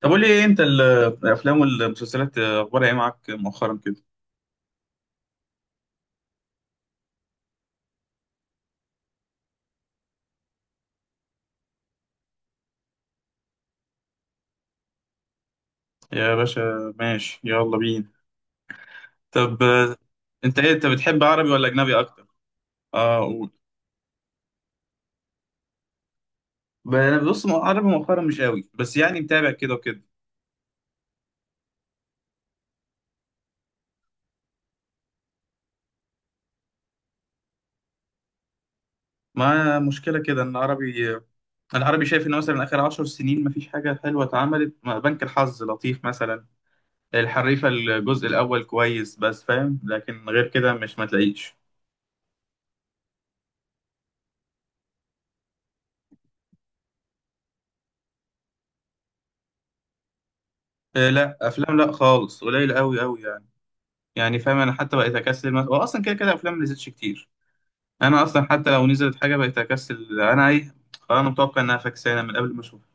طب قول لي ايه انت الافلام والمسلسلات اخبارها ايه معاك مؤخرا كده. يا باشا ماشي، يلا بينا. طب انت ايه، انت بتحب عربي ولا اجنبي اكتر؟ اه قول. انا بص، عربي مؤخرا مش قوي، بس يعني متابع كده وكده. ما مشكله كده ان عربي العربي شايف ان مثلا اخر عشر سنين مفيش حاجه حلوه اتعملت، بنك الحظ لطيف مثلا. الحريفه الجزء الاول كويس بس فاهم، لكن غير كده مش، ما تلاقيش. لا افلام لا خالص، قليل قوي قوي. يعني فاهم، انا حتى بقيت اكسل، هو اصلا كده كده افلام ما نزلتش كتير. انا اصلا حتى لو نزلت حاجه بقيت اكسل انا ايه، خلاص انا متوقع انها فكسانه من قبل ما اشوفها.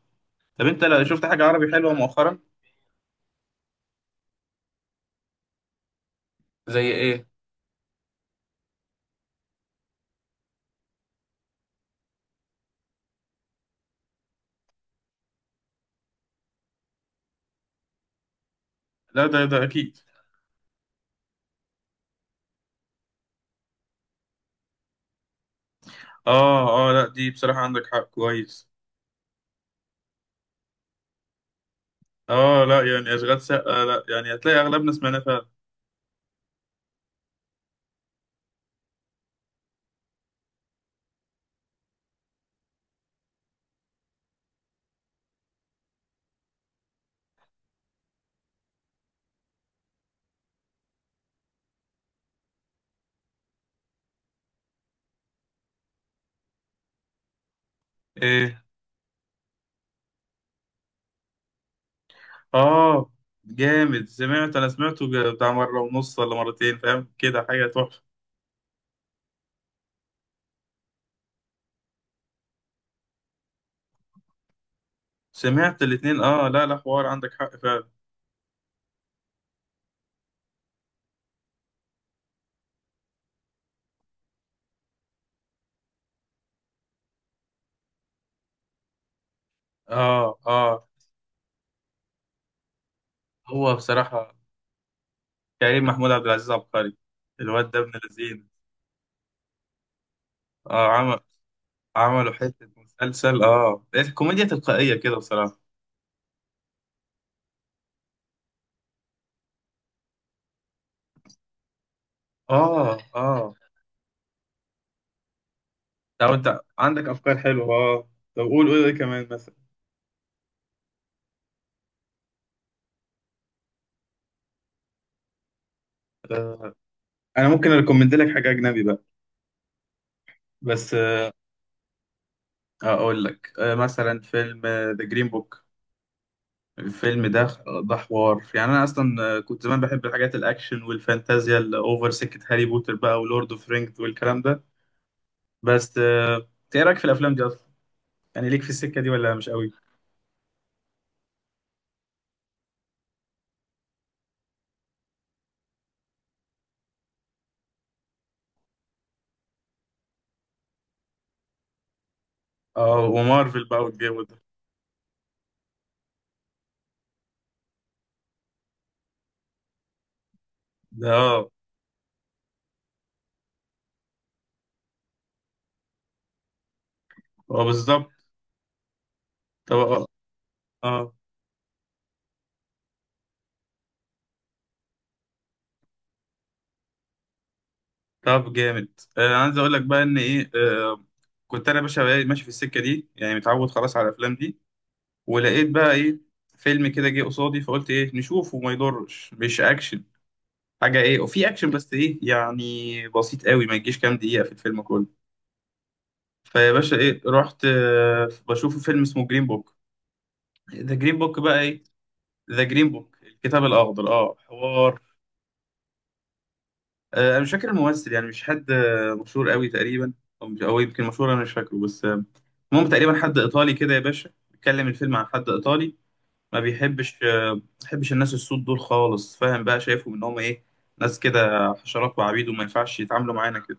طب انت لو شفت حاجه عربي حلوه مؤخرا؟ زي ايه؟ لا، ده اكيد. اه اه، لا دي بصراحه عندك حق كويس. اه لا يعني اشغال شقه، لا يعني هتلاقي اغلبنا سمعناه فعلا. ايه؟ اه جامد، سمعت، انا سمعته بتاع مره ونص ولا مرتين، فاهم كده حاجه تحفه. سمعت الاتنين اه، لا لا، حوار، عندك حق فعلا. اه اه، هو بصراحة كريم محمود عبد العزيز عبقري. الواد ده ابن لذين. اه عمل، عملوا حتة مسلسل اه، الكوميديا تلقائية كده بصراحة. اه اه، لو انت عندك افكار حلوة، اه طب قول قول، ايه كمان مثلا؟ انا ممكن اريكومند لك حاجة اجنبي بقى، بس اقول لك مثلا فيلم ذا جرين بوك. الفيلم ده، ده حوار، يعني انا اصلا كنت زمان بحب الحاجات الاكشن والفانتازيا الاوفر، سكة هاري بوتر بقى ولورد اوف رينجز والكلام ده. بس ايه رايك في الافلام دي اصلا؟ يعني ليك في السكة دي ولا مش قوي؟ اه، ومارفل بقى والجو ده. ده اه، هو بالظبط. طب اه آه، طب جامد، انا عايز اقول لك بقى ان ايه آه. كنت انا يا باشا بقى ماشي في السكه دي، يعني متعود خلاص على الافلام دي. ولقيت بقى ايه، فيلم كده جه قصادي، فقلت ايه نشوفه ما يضرش، مش اكشن، حاجه ايه، وفي اكشن بس ايه يعني، بسيط قوي ما يجيش كام دقيقه في الفيلم كله. فيا باشا ايه رحت آه بشوف فيلم اسمه جرين بوك، ذا جرين بوك بقى ايه. ذا جرين بوك، الكتاب الاخضر اه، حوار. انا مش فاكر الممثل، يعني مش حد مشهور قوي تقريبا، او مش، أو يمكن مشهور، انا مش فاكره، بس المهم تقريبا حد ايطالي كده يا باشا. بيتكلم الفيلم عن حد ايطالي ما بيحبش، ما بيحبش الناس السود دول خالص، فاهم بقى شايفهم ان هم ايه، ناس كده حشرات وعبيد وما ينفعش يتعاملوا معانا كده.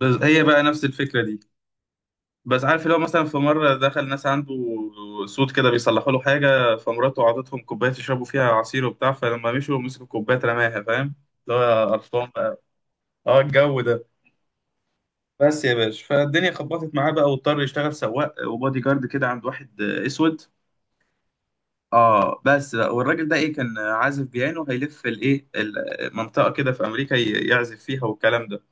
بس هي بقى نفس الفكرة دي، بس عارف لو مثلا في مرة دخل ناس عنده سود كده بيصلحوا له حاجة، فمراته عطتهم كوباية يشربوا فيها عصير وبتاع، فلما مشوا مسكوا الكوباية رماها، فاهم، اللي هو قرفان بقى، اه الجو ده. بس يا باشا، فالدنيا خبطت معاه بقى، واضطر يشتغل سواق وبادي جارد كده عند واحد اسود. اه بس بقى، والراجل ده ايه، كان عازف بيانو هيلف الايه، المنطقه كده في امريكا يعزف فيها والكلام ده.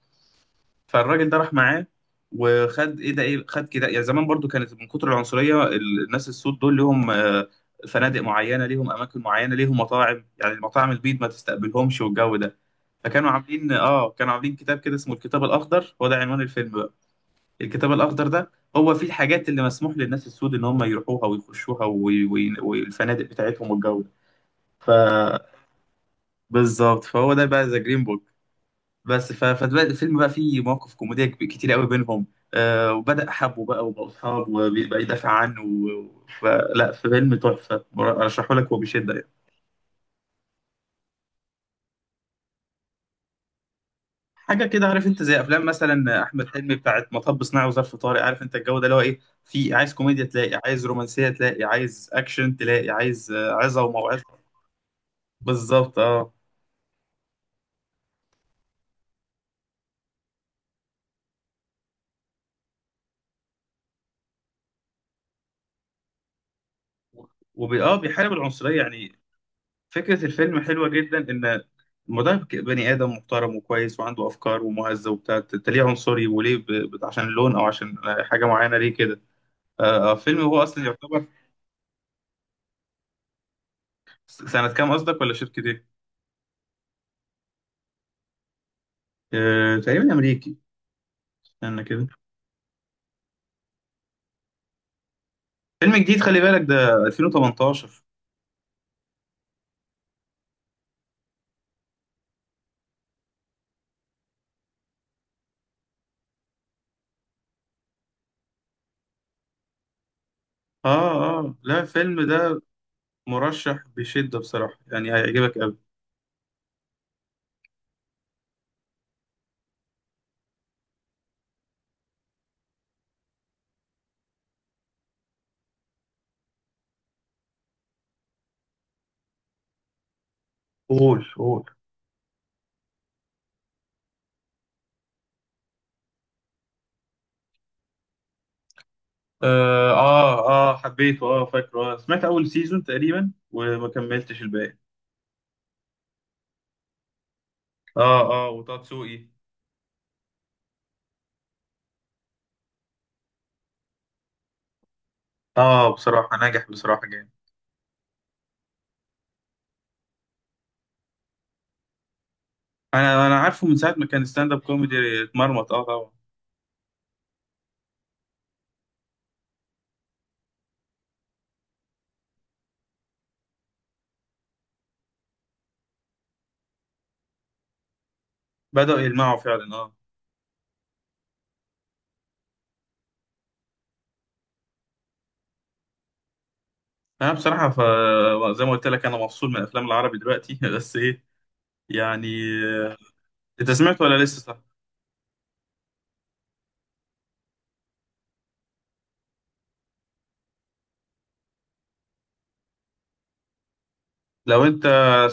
فالراجل ده راح معاه، وخد ايه، ده ايه، خد كده يعني زمان برضو كانت من كتر العنصريه الناس السود دول ليهم فنادق معينه، ليهم اماكن معينه، ليهم مطاعم، يعني المطاعم البيض ما تستقبلهمش والجو ده. فكانوا عاملين اه، كانوا عاملين كتاب كده اسمه الكتاب الاخضر، هو ده عنوان الفيلم، الكتاب الأخضر ده، هو فيه الحاجات اللي مسموح للناس السود إن هم يروحوها ويخشوها والفنادق بتاعتهم والجو ده. ف- بالظبط، فهو ده بقى ذا جرين بوك. بس فبدأ الفيلم بقى، فيه مواقف كوميدية كتير قوي بينهم وبدأ حبه بقى وبقوا أصحاب وبيبقى يدافع عنه، فلا، فيلم تحفة، أرشحه لك وبشدة يعني. حاجة كده، عارف أنت زي أفلام مثلا أحمد حلمي بتاعت مطب صناعي وظرف طارق، عارف أنت الجو ده، اللي هو إيه، في عايز كوميديا تلاقي، عايز رومانسية تلاقي، عايز أكشن تلاقي، عايز عظة وموعظة. بالظبط اه، وبي اه بيحارب العنصرية يعني. فكرة الفيلم حلوة جدا، إن المدرب بني آدم محترم وكويس وعنده أفكار ومهذب وبتاع، أنت ليه عنصري؟ وليه عشان اللون أو عشان حاجة معينة ليه كده؟ آه فيلم، هو أصلا يعتبر سنة كام قصدك، ولا شركة إيه؟ آه تقريبا أمريكي، استنى كده، فيلم جديد خلي بالك، ده 2018. آه آه لا، الفيلم ده مرشح بشدة بصراحة، يعني هيعجبك أوي. قول قول. اه اه، حبيته، اه فاكره. آه. سمعت اول سيزون تقريبا وما كملتش الباقي. اه اه وتاتسوقي. اه بصراحة نجح، بصراحة جامد. انا عارفه من ساعة ما كان ستاند اب كوميدي، اتمرمط اه طبعا. بدأوا يلمعوا فعلا اه. انا بصراحة زي ما قلت لك انا مفصول من الافلام العربي دلوقتي بس ايه، يعني آه، انت سمعت ولا لسه، صح؟ لو انت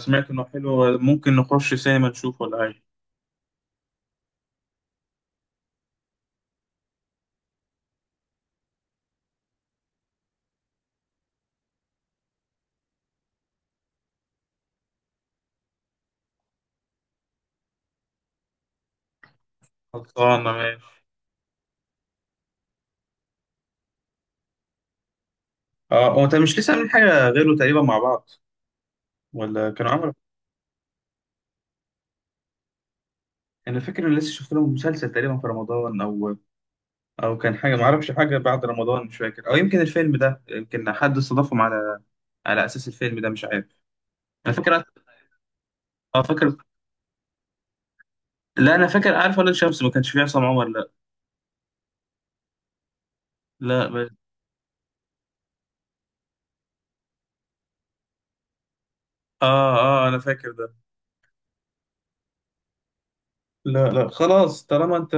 سمعت انه حلو، ممكن نخش سينما نشوف ولا حاجة. خلصانة ماشي. اه، هو انت مش لسه عاملين حاجة غيره تقريبا مع بعض، ولا كانوا عملوا؟ انا فاكر ان لسه شفت لهم مسلسل تقريبا في رمضان، او كان حاجه ما اعرفش، حاجه بعد رمضان مش فاكر، او يمكن الفيلم ده، يمكن حد استضافهم على اساس الفيلم ده مش عارف. انا فاكر اه، فاكر. لا انا فاكر، عارف ولاد شمس ما كانش فيه عصام عمر، لا لا بس. اه اه، انا فاكر ده. لا لا خلاص، طالما انت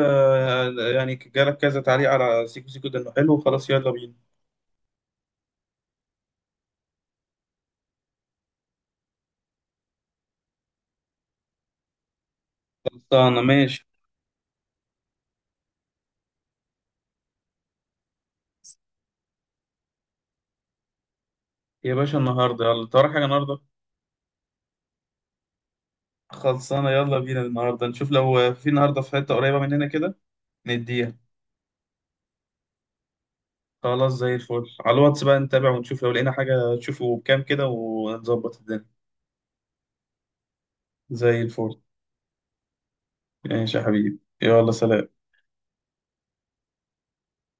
يعني جالك كذا تعليق على سيكو سيكو ده انه حلو، خلاص يلا بينا. خلصانه ماشي يا باشا. النهارده، يلا انت وراك حاجه النهارده؟ خلصانه، يلا بينا النهارده نشوف، لو في النهارده في حته قريبه مننا كده نديها. خلاص زي الفل، على الواتس بقى نتابع ونشوف لو لقينا حاجة تشوفه بكام كده، ونظبط الدنيا. زي الفل. ماشي يا حبيبي، يلا سلام.